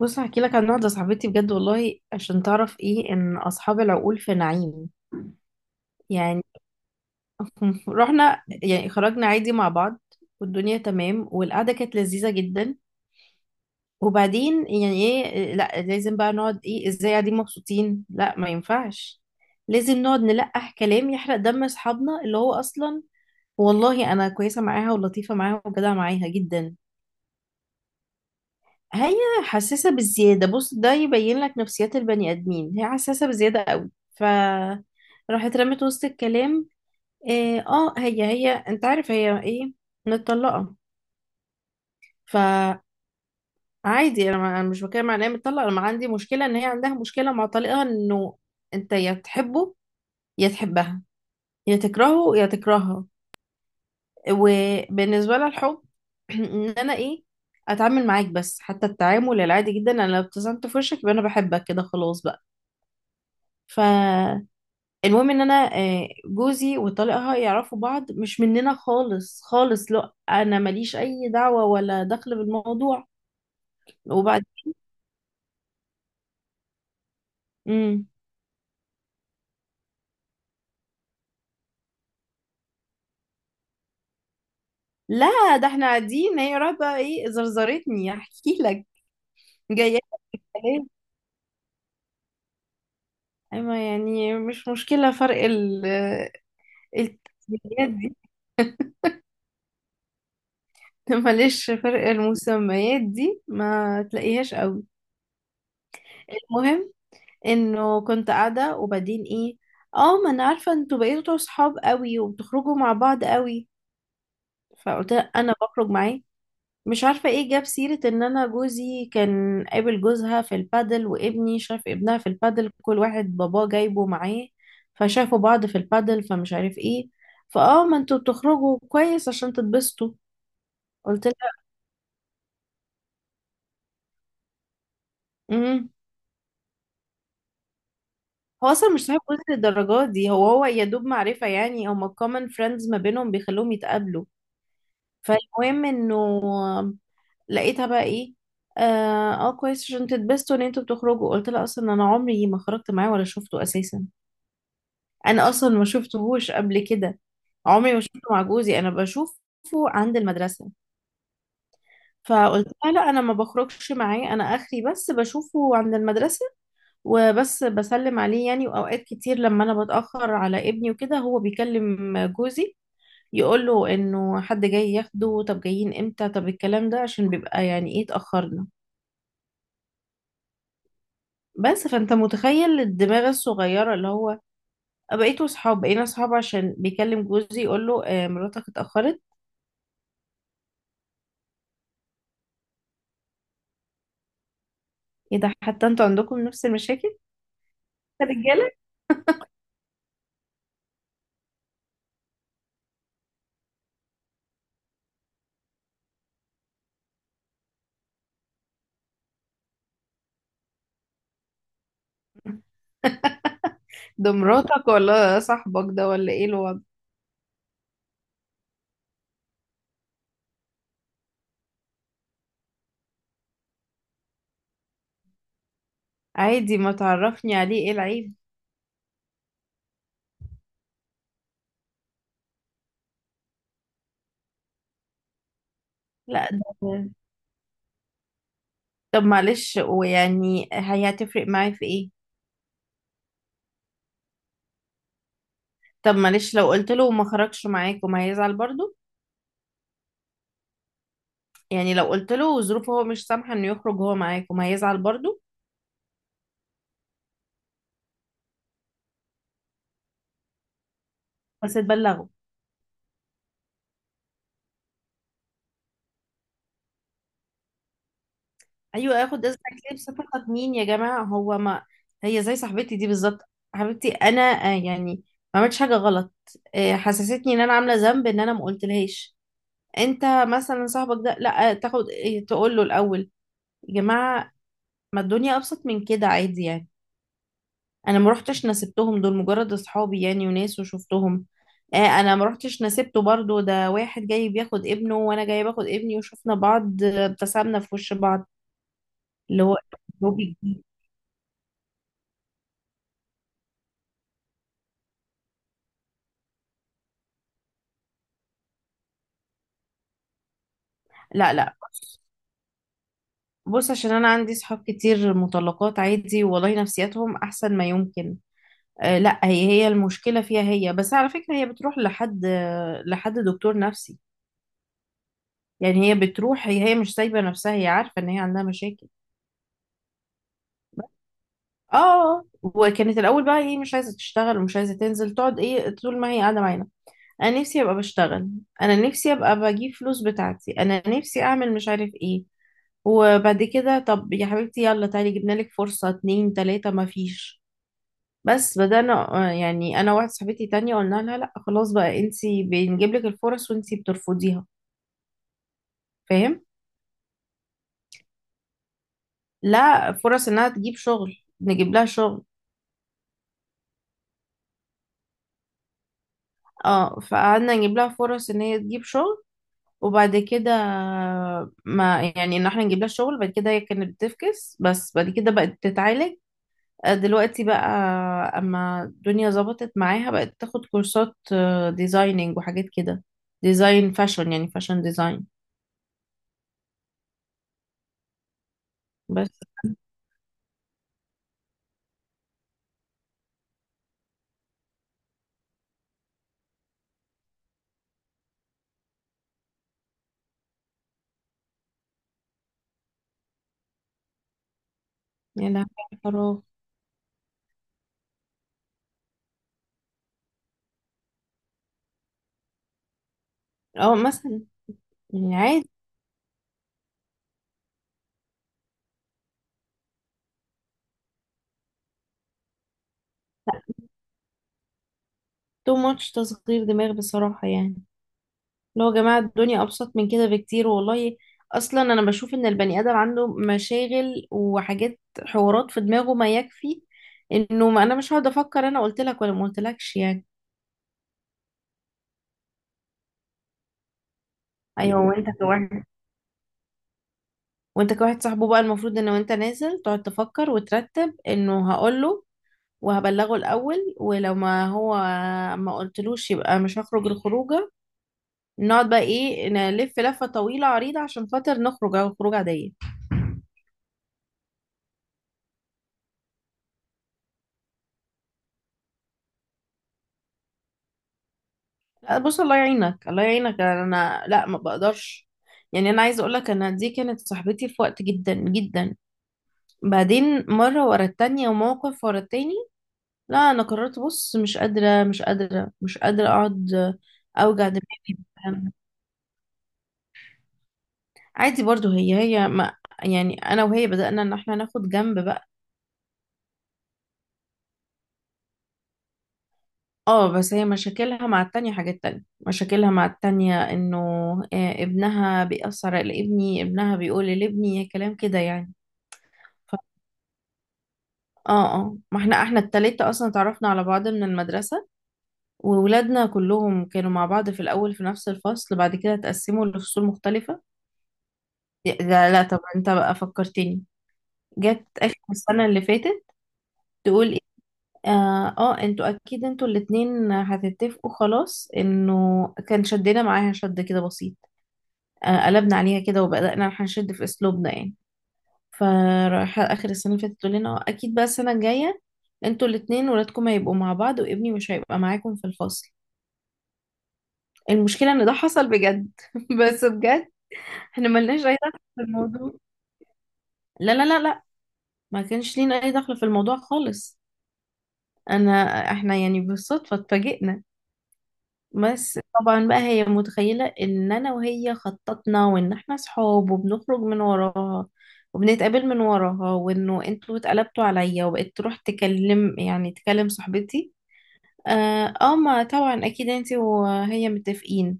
بص، هحكي لك عن واحدة صاحبتي بجد والله عشان تعرف ايه ان اصحاب العقول في نعيم. يعني رحنا، يعني خرجنا عادي مع بعض، والدنيا تمام، والقعدة كانت لذيذة جدا. وبعدين يعني ايه، لا لازم بقى نقعد، ايه ازاي قاعدين مبسوطين، لا ما ينفعش، لازم نقعد نلقح كلام يحرق دم اصحابنا، اللي هو اصلا والله انا كويسة معاها ولطيفة معاها وجدعة معاها جدا. هي حساسة بالزيادة، بص ده يبين لك نفسيات البني آدمين، هي حساسة بزيادة قوي. ف راحت رمت وسط الكلام إيه. اه هي انت عارف هي ايه، متطلقة. فعادي، انا ما- أنا مش بتكلم عن إن هي متطلقة، انا ما عندي مشكلة ان هي عندها مشكلة مع طليقها، انه انت يا تحبه يا تحبها يا تكرهه يا تكرهها. وبالنسبة لها الحب ان انا ايه اتعامل معاك، بس حتى التعامل العادي جدا، انا لو ابتسمت في وشك يبقى انا بحبك، كده خلاص بقى. فالمهم، ان انا جوزي وطليقها يعرفوا بعض، مش مننا خالص خالص، لا انا ماليش اي دعوة ولا دخل بالموضوع. وبعد، امم لا ده احنا قاعدين، هي راحت بقى ايه زرزرتني احكي لك. جايه ليه، اما يعني مش مشكلة فرق التسميات دي. معلش، فرق المسميات دي ما تلاقيهاش قوي. المهم، انه كنت قاعدة وبعدين ايه، اه ما انا عارفة انتوا بقيتوا صحاب قوي وبتخرجوا مع بعض قوي، فقلت لها انا بخرج معاه. مش عارفة ايه جاب سيرة ان انا جوزي كان قابل جوزها في البادل، وابني شاف ابنها في البادل، كل واحد باباه جايبه معاه فشافوا بعض في البادل، فمش عارف ايه، فاه ما انتوا بتخرجوا كويس عشان تتبسطوا. قلت لها، امم، هو اصلا مش صاحب جوزي للدرجات دي، هو يا دوب معرفة، يعني هما common friends ما بينهم بيخلوهم يتقابلوا. فالمهم، انه لقيتها بقى ايه، كويس عشان تتبسطوا ان انتوا بتخرجوا. قلت لها اصلا انا عمري ما خرجت معاه ولا شفته اساسا، انا اصلا ما شفتهوش قبل كده، عمري ما شفته مع جوزي، انا بشوفه عند المدرسة. فقلت لها لا انا ما بخرجش معاه، انا اخري بس بشوفه عند المدرسة وبس، بسلم عليه يعني، واوقات كتير لما انا بتأخر على ابني وكده هو بيكلم جوزي يقول له انه حد جاي ياخده، طب جايين امتى، طب الكلام ده عشان بيبقى يعني ايه اتأخرنا. بس فانت متخيل الدماغ الصغيرة اللي هو أه بقيتوا صحاب، بقينا صحاب عشان بيكلم جوزي يقول له آه مراتك اتأخرت. ايه ده، حتى انتوا عندكم نفس المشاكل يا رجالة. ده مراتك ولا صاحبك ده، ولا ايه الوضع؟ عادي ما تعرفني عليه، ايه العيب؟ لا، ده طب معلش، ويعني هي هتفرق معايا في ايه؟ طب معلش لو قلت له وما خرجش معاك وما هيزعل برضه، يعني لو قلت له ظروفه هو مش سامحة انه يخرج هو معاكم هيزعل برضو. بس تبلغه. ايوه، اخد اذنك ليه؟ بصفتك مين يا جماعة، هو ما هي زي صاحبتي دي بالظبط. حبيبتي انا يعني ما عملتش حاجة غلط، حسستني ان انا عاملة ذنب ان انا ما قلتلهاش. انت مثلا صاحبك ده لا تاخد تقول له الاول. يا جماعة، ما الدنيا ابسط من كده، عادي يعني. انا ما روحتش نسبتهم، دول مجرد اصحابي يعني وناس وشفتهم. آه انا ما روحتش نسبته برضو، ده واحد جاي بياخد ابنه وانا جاي باخد ابني وشفنا بعض، ابتسمنا في وش بعض، اللي هو روبي جديد. لا لا، بص، عشان انا عندي صحاب كتير مطلقات عادي، والله نفسياتهم احسن ما يمكن. آه، لا، هي المشكلة فيها هي، بس على فكرة هي بتروح لحد لحد دكتور نفسي، يعني هي بتروح، هي مش سايبة نفسها، هي عارفة ان هي عندها مشاكل. اه، وكانت الاول بقى ايه مش عايزه تشتغل ومش عايزه تنزل، تقعد ايه طول ما هي قاعده معانا، انا نفسي ابقى بشتغل، انا نفسي ابقى بجيب فلوس بتاعتي، انا نفسي اعمل مش عارف ايه. وبعد كده طب يا حبيبتي يلا تعالي جبنا لك فرصه، اتنين تلاته ما فيش، بس بدأنا يعني انا واحده صاحبتي تانية قلنا لها لا خلاص بقى، انتي بنجيب لك الفرص وانتي بترفضيها، فاهم؟ لا، فرص انها تجيب شغل، نجيب لها شغل. اه، فقعدنا نجيب لها فرص ان هي تجيب شغل. وبعد كده، ما يعني ان احنا نجيب لها شغل، بعد كده هي كانت بتفكس، بس بعد كده بقت بتتعالج. دلوقتي بقى اما الدنيا ظبطت معاها بقت تاخد كورسات، ديزايننج وحاجات كده، ديزاين فاشن يعني فاشن ديزاين. بس يعني فراغ. اه مثلا، يعني عادي. تو ماتش تصغير دماغ بصراحة يعني، اللي هو يا جماعة الدنيا أبسط من كده بكتير والله. أصلا أنا بشوف إن البني آدم عنده مشاغل وحاجات، حوارات في دماغه ما يكفي، إنه ما أنا مش هقعد أفكر أنا قلت لك ولا ما قلتلكش يعني. أيوه، وأنت كواحد صاحبه بقى المفروض إن وأنت نازل تقعد تفكر وترتب إنه هقوله وهبلغه الأول، ولو ما هو ما قلتلوش يبقى مش هخرج الخروجة، نقعد بقى إيه نلف لفة طويلة عريضة عشان خاطر نخرج أو خروجة عادية. لا، بص، الله يعينك الله يعينك، انا لا ما بقدرش، يعني انا عايزه اقول لك انا دي كانت صاحبتي في وقت جدا جدا، بعدين مره ورا التانية وموقف ورا التاني، لا انا قررت بص مش قادره مش قادره مش قادره اقعد اوجع دماغي بالكلام ده. عادي برضو، هي ما يعني انا وهي بدأنا ان احنا ناخد جنب بقى. اه بس هي مشاكلها مع التانية حاجات تانية، مشاكلها مع التانية انه ابنها بيأثر على ابني، ابنها بيقول لابني كلام كده يعني. اه اه، ما احنا، التلاتة اصلا اتعرفنا على بعض من المدرسة، وولادنا كلهم كانوا مع بعض في الاول في نفس الفصل، بعد كده اتقسموا لفصول مختلفة. لا لا، طب انت بقى فكرتني، جت اخر السنة اللي فاتت تقول ايه، انتوا اكيد انتوا الاتنين هتتفقوا خلاص، انه كان شدنا معاها شد كده بسيط، آه قلبنا عليها كده وبدأنا هنشد في اسلوبنا يعني. فرايحة آخر السنة اللي فاتت تقول لنا أكيد بقى السنة الجاية انتوا الاتنين ولادكم هيبقوا مع بعض وابني مش هيبقى معاكم في الفصل. المشكلة إن ده حصل بجد بس بجد، احنا ملناش أي دخل في الموضوع. لا لا لا لا، ما كانش لينا أي دخل في الموضوع خالص. أنا احنا يعني بالصدفة اتفاجئنا. بس طبعا بقى هي متخيلة ان انا وهي خططنا وان احنا صحاب وبنخرج من وراها وبنتقابل من وراها، وانه انتوا اتقلبتوا عليا، وبقيت تروح تكلم يعني تكلم صاحبتي. اه ما طبعا اكيد انتي وهي متفقين،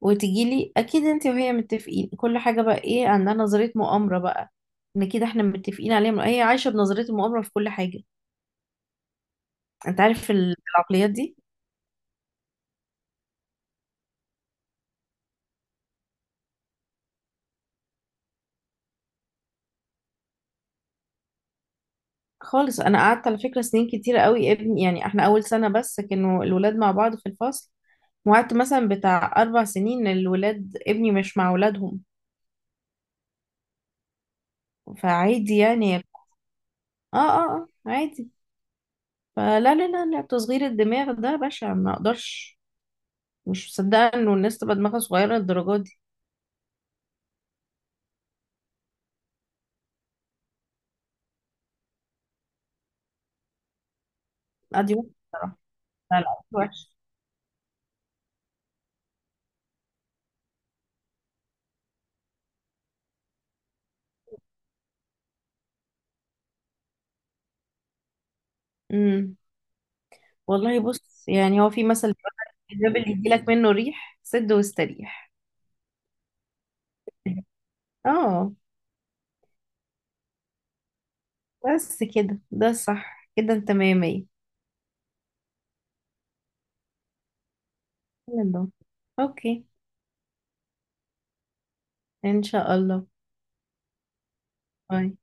وتجيلي اكيد انتي وهي متفقين، كل حاجة بقى ايه عندها نظرية مؤامرة بقى، ان كده احنا متفقين عليها، هي عايشة بنظرية المؤامرة في كل حاجة. انت عارف العقليات دي. خالص، انا قعدت على فكره سنين كتيره قوي ابني، يعني احنا اول سنه بس كانوا الولاد مع بعض في الفصل، وقعدت مثلا بتاع 4 سنين الولاد ابني مش مع ولادهم، فعادي يعني. اه اه اه، عادي. فلا لا لا لا، تصغير الدماغ ده بشع، ما اقدرش، مش مصدقه انه الناس تبقى دماغها صغيره للدرجه دي. لا دي وحشة بصراحه. لا لا، دي وحش. امم، والله، بص يعني هو في مثل بيقول لك الباب اللي يجيلك منه ريح سد واستريح. اه، بس كده، ده صح كده، انت مية مية. يلا، اوكي، ان شاء الله، باي.